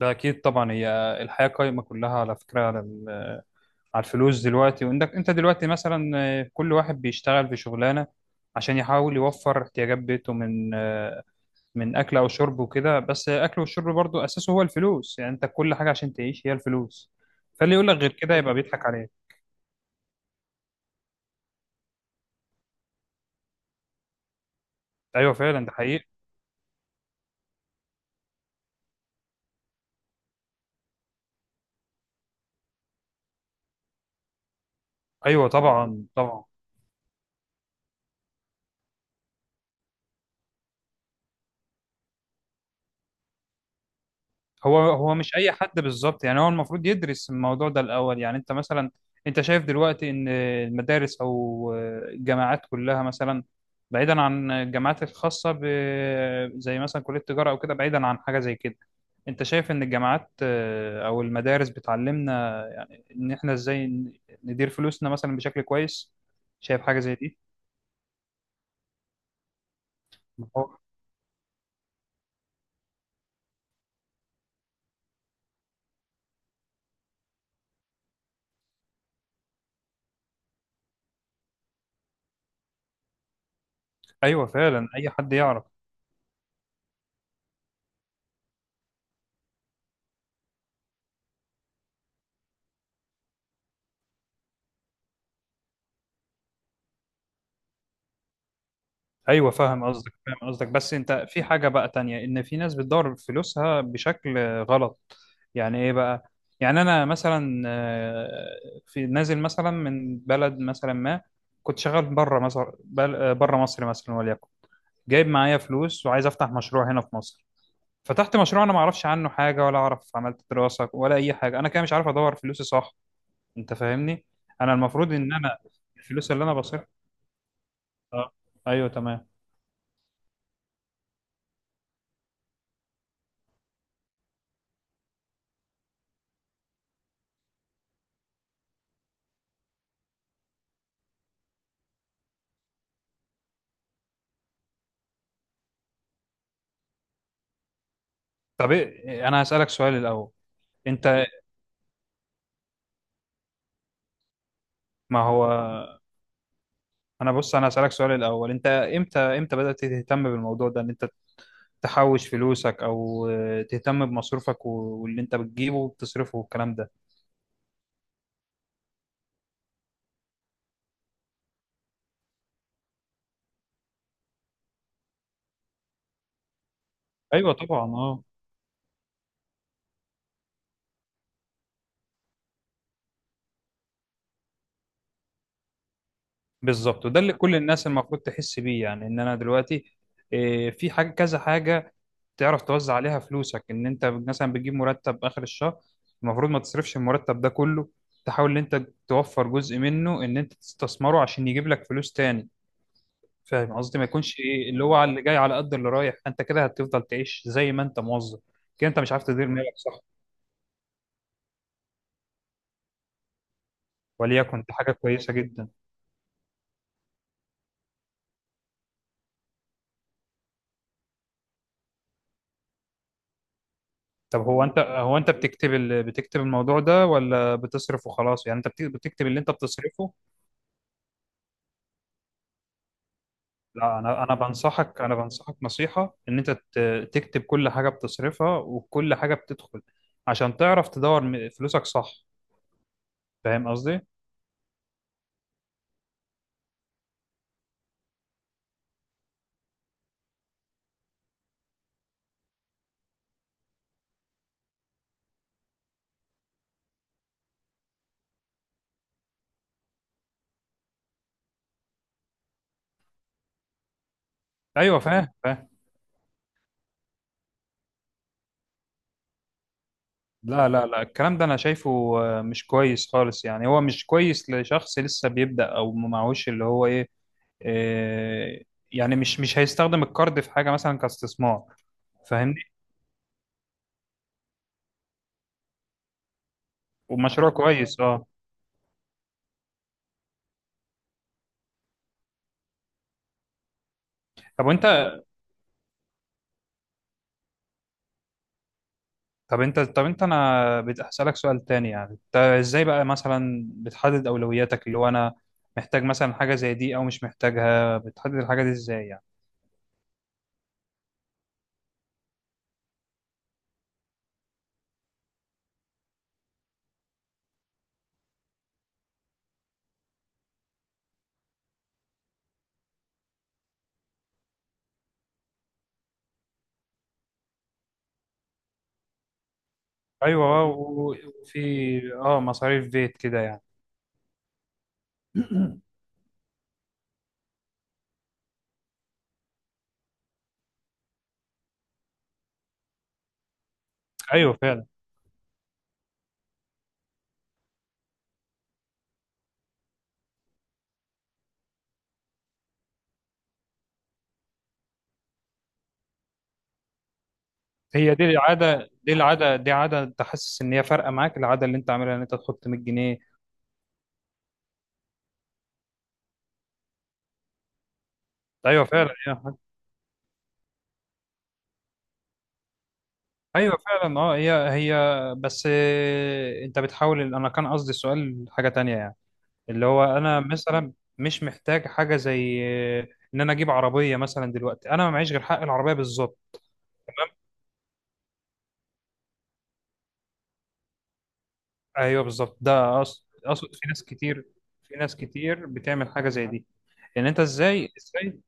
ده اكيد طبعا. هي الحياه قايمه كلها على فكره، على الفلوس دلوقتي. وانك انت دلوقتي مثلا، كل واحد بيشتغل في شغلانه عشان يحاول يوفر احتياجات بيته من اكل او شرب وكده. بس اكل والشرب برضو اساسه هو الفلوس. يعني انت كل حاجه عشان تعيش هي الفلوس. فاللي يقول لك غير كده يبقى بيضحك عليك. ايوه، فعلا ده حقيقي. ايوه طبعا، طبعا. هو هو مش اي حد بالظبط. يعني هو المفروض يدرس الموضوع ده الاول. يعني انت مثلا، انت شايف دلوقتي ان المدارس او الجامعات كلها مثلا، بعيدا عن الجامعات الخاصه زي مثلا كليه التجاره او كده، بعيدا عن حاجه زي كده. انت شايف ان الجامعات، او المدارس بتعلمنا ان احنا ازاي ندير فلوسنا مثلا بشكل كويس؟ شايف حاجه زي دي؟ هو- ايوه فعلا، اي حد يعرف. ايوه، فاهم قصدك، فاهم قصدك. بس انت في حاجه بقى تانية، ان في ناس بتدور فلوسها بشكل غلط. يعني ايه بقى؟ يعني انا مثلا، في نازل مثلا من بلد مثلا ما كنت شغال بره مصر، بره مصر مثلا وليكن، جايب معايا فلوس وعايز افتح مشروع هنا في مصر. فتحت مشروع انا ما اعرفش عنه حاجه، ولا اعرف عملت دراسه ولا اي حاجه. انا كده مش عارف ادور فلوسي صح. انت فاهمني؟ انا المفروض ان انا الفلوس اللي انا بصرف. اه. ايوه تمام. طب، انا هسالك سؤال الاول. انت، ما هو انا بص، انا هسألك سؤال الاول. انت امتى بدأت تهتم بالموضوع ده، ان انت تحوش فلوسك او تهتم بمصروفك و- واللي انت بتجيبه وبتصرفه والكلام ده؟ ايوه طبعا. اه، بالظبط، وده اللي كل الناس المفروض تحس بيه. يعني ان انا دلوقتي، في حاجة، كذا حاجة تعرف توزع عليها فلوسك. ان انت مثلا بتجيب مرتب اخر الشهر، المفروض ما تصرفش المرتب ده كله. تحاول ان انت توفر جزء منه، ان انت تستثمره عشان يجيب لك فلوس تاني. فاهم قصدي؟ ما يكونش ايه اللي هو على اللي جاي على قد اللي رايح. انت كده هتفضل تعيش زي ما انت موظف، كده انت مش عارف تدير مالك صح. وليكن دي حاجه كويسه جدا. طب هو انت بتكتب الموضوع ده، ولا بتصرف وخلاص؟ يعني انت بتكتب اللي انت بتصرفه؟ لا، انا بنصحك، انا بنصحك نصيحه ان انت تكتب كل حاجه بتصرفها وكل حاجه بتدخل عشان تعرف تدور فلوسك صح. فاهم قصدي؟ ايوه، فاهم فاهم. لا، لا، لا، الكلام ده انا شايفه مش كويس خالص. يعني هو مش كويس لشخص لسه بيبدأ او ما معهوش اللي هو ايه، آه، يعني مش هيستخدم الكارد في حاجة مثلا كاستثمار. فاهمني؟ ومشروع كويس. اه. طب وانت طب انت انا بسألك سؤال تاني. يعني انت ازاي بقى مثلا بتحدد اولوياتك، اللي هو انا محتاج مثلا حاجة زي دي او مش محتاجها، بتحدد الحاجة دي ازاي يعني؟ ايوه، وفي. اه، مصاريف بيت كده يعني. ايوه فعلا. هي دي العاده، دي العاده، دي عاده انت حاسس ان هي فارقه معاك، العاده اللي انت عاملها ان انت تحط 100 جنيه؟ ايوه فعلا، ايوه فعلا، اه هي هي. بس، انت بتحاول انا كان قصدي السؤال حاجه تانية يعني، اللي هو انا مثلا مش محتاج حاجه زي، ان انا اجيب عربيه مثلا دلوقتي. انا ما معيش غير حق العربيه بالظبط. تمام، ايوه بالظبط، ده اقصد في ناس كتير، في ناس كتير بتعمل حاجه زي دي. يعني انت ازاي؟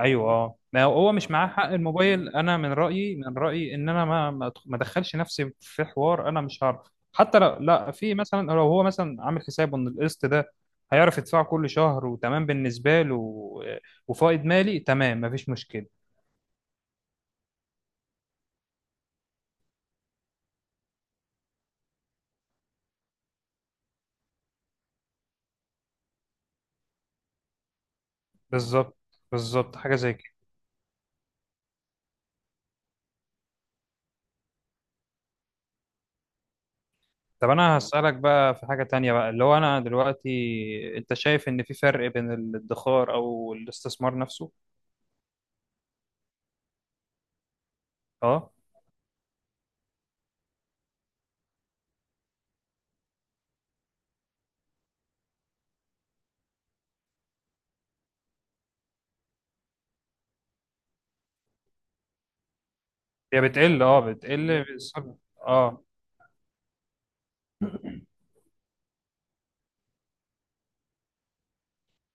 ايوه اه. ما هو هو مش معاه حق الموبايل. انا من رايي، من رايي ان انا ما ما ما ادخلش نفسي في حوار، انا مش هعرف. حتى لو، لا، في مثلا لو هو مثلا عامل حسابه ان القسط ده هيعرف يدفعه كل شهر وتمام بالنسبه له و- وفائض مالي تمام، مفيش مشكله. بالظبط، بالظبط، حاجه زي كده. طب انا هسالك بقى في حاجه تانية بقى، اللي هو انا دلوقتي، انت شايف ان في فرق بين الادخار او الاستثمار نفسه؟ اه، هي بتقل، اه اه.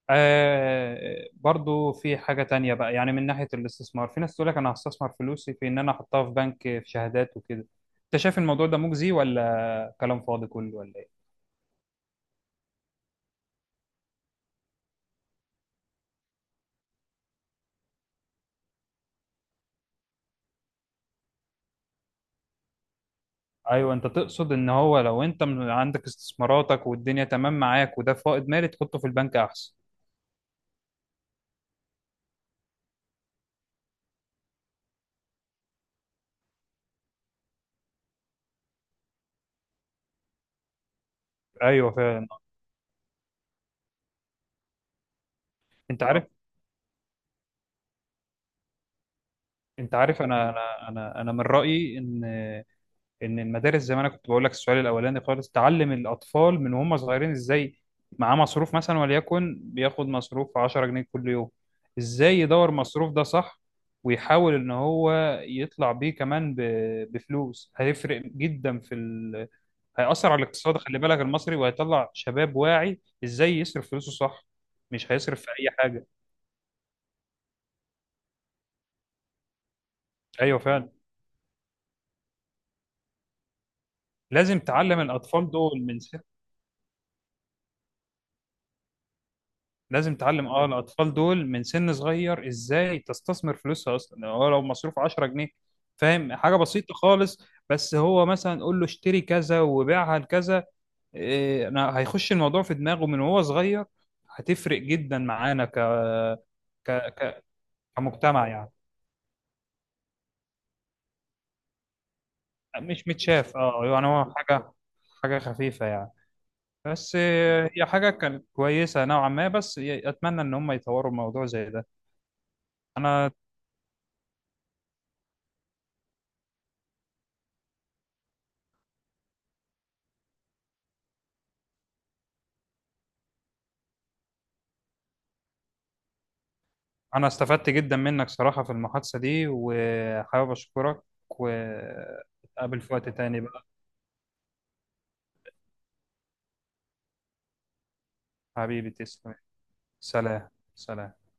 برضو في حاجة تانية بقى، يعني من ناحية الاستثمار، في ناس تقول لك أنا هستثمر فلوسي في إن أنا أحطها في بنك، في شهادات وكده. أنت شايف الموضوع ده مجزي، ولا كلام فاضي كله، ولا إيه؟ أيوه، أنت تقصد إن هو لو أنت عندك استثماراتك والدنيا تمام معاك، وده فائض مالي تحطه في البنك أحسن. أيوه فعلا. أنت عارف اه أنت عارف. أنا من رأيي إن ان المدارس، زي ما انا كنت بقول لك السؤال الاولاني خالص، تعلم الاطفال من وهم صغيرين ازاي، معاه مصروف مثلا وليكن بياخد مصروف 10 جنيه كل يوم، ازاي يدور مصروف ده صح، ويحاول ان هو يطلع بيه كمان بفلوس، هيفرق جدا هيأثر على الاقتصاد، خلي بالك المصري، وهيطلع شباب واعي ازاي يصرف فلوسه صح. مش هيصرف في اي حاجة. ايوه فعلا. لازم تعلم الاطفال دول من لازم تعلم الاطفال دول من سن صغير ازاي تستثمر فلوسها اصلا، هو لو مصروف 10 جنيه، فاهم، حاجه بسيطه خالص، بس هو مثلا قول له اشتري كذا وبيعها لكذا. انا هيخش الموضوع في دماغه من وهو صغير. هتفرق جدا معانا ك... ك... كمجتمع يعني. مش متشاف، يعني هو حاجه، حاجه خفيفه يعني. بس، هي حاجه كانت كويسه نوعا ما، بس اتمنى ان هم يطوروا الموضوع زي ده. انا استفدت جدا منك صراحة في المحادثة دي، وحابب أشكرك وأتقابل في وقت تاني بقى. حبيبي، تسلم. سلام. سلام.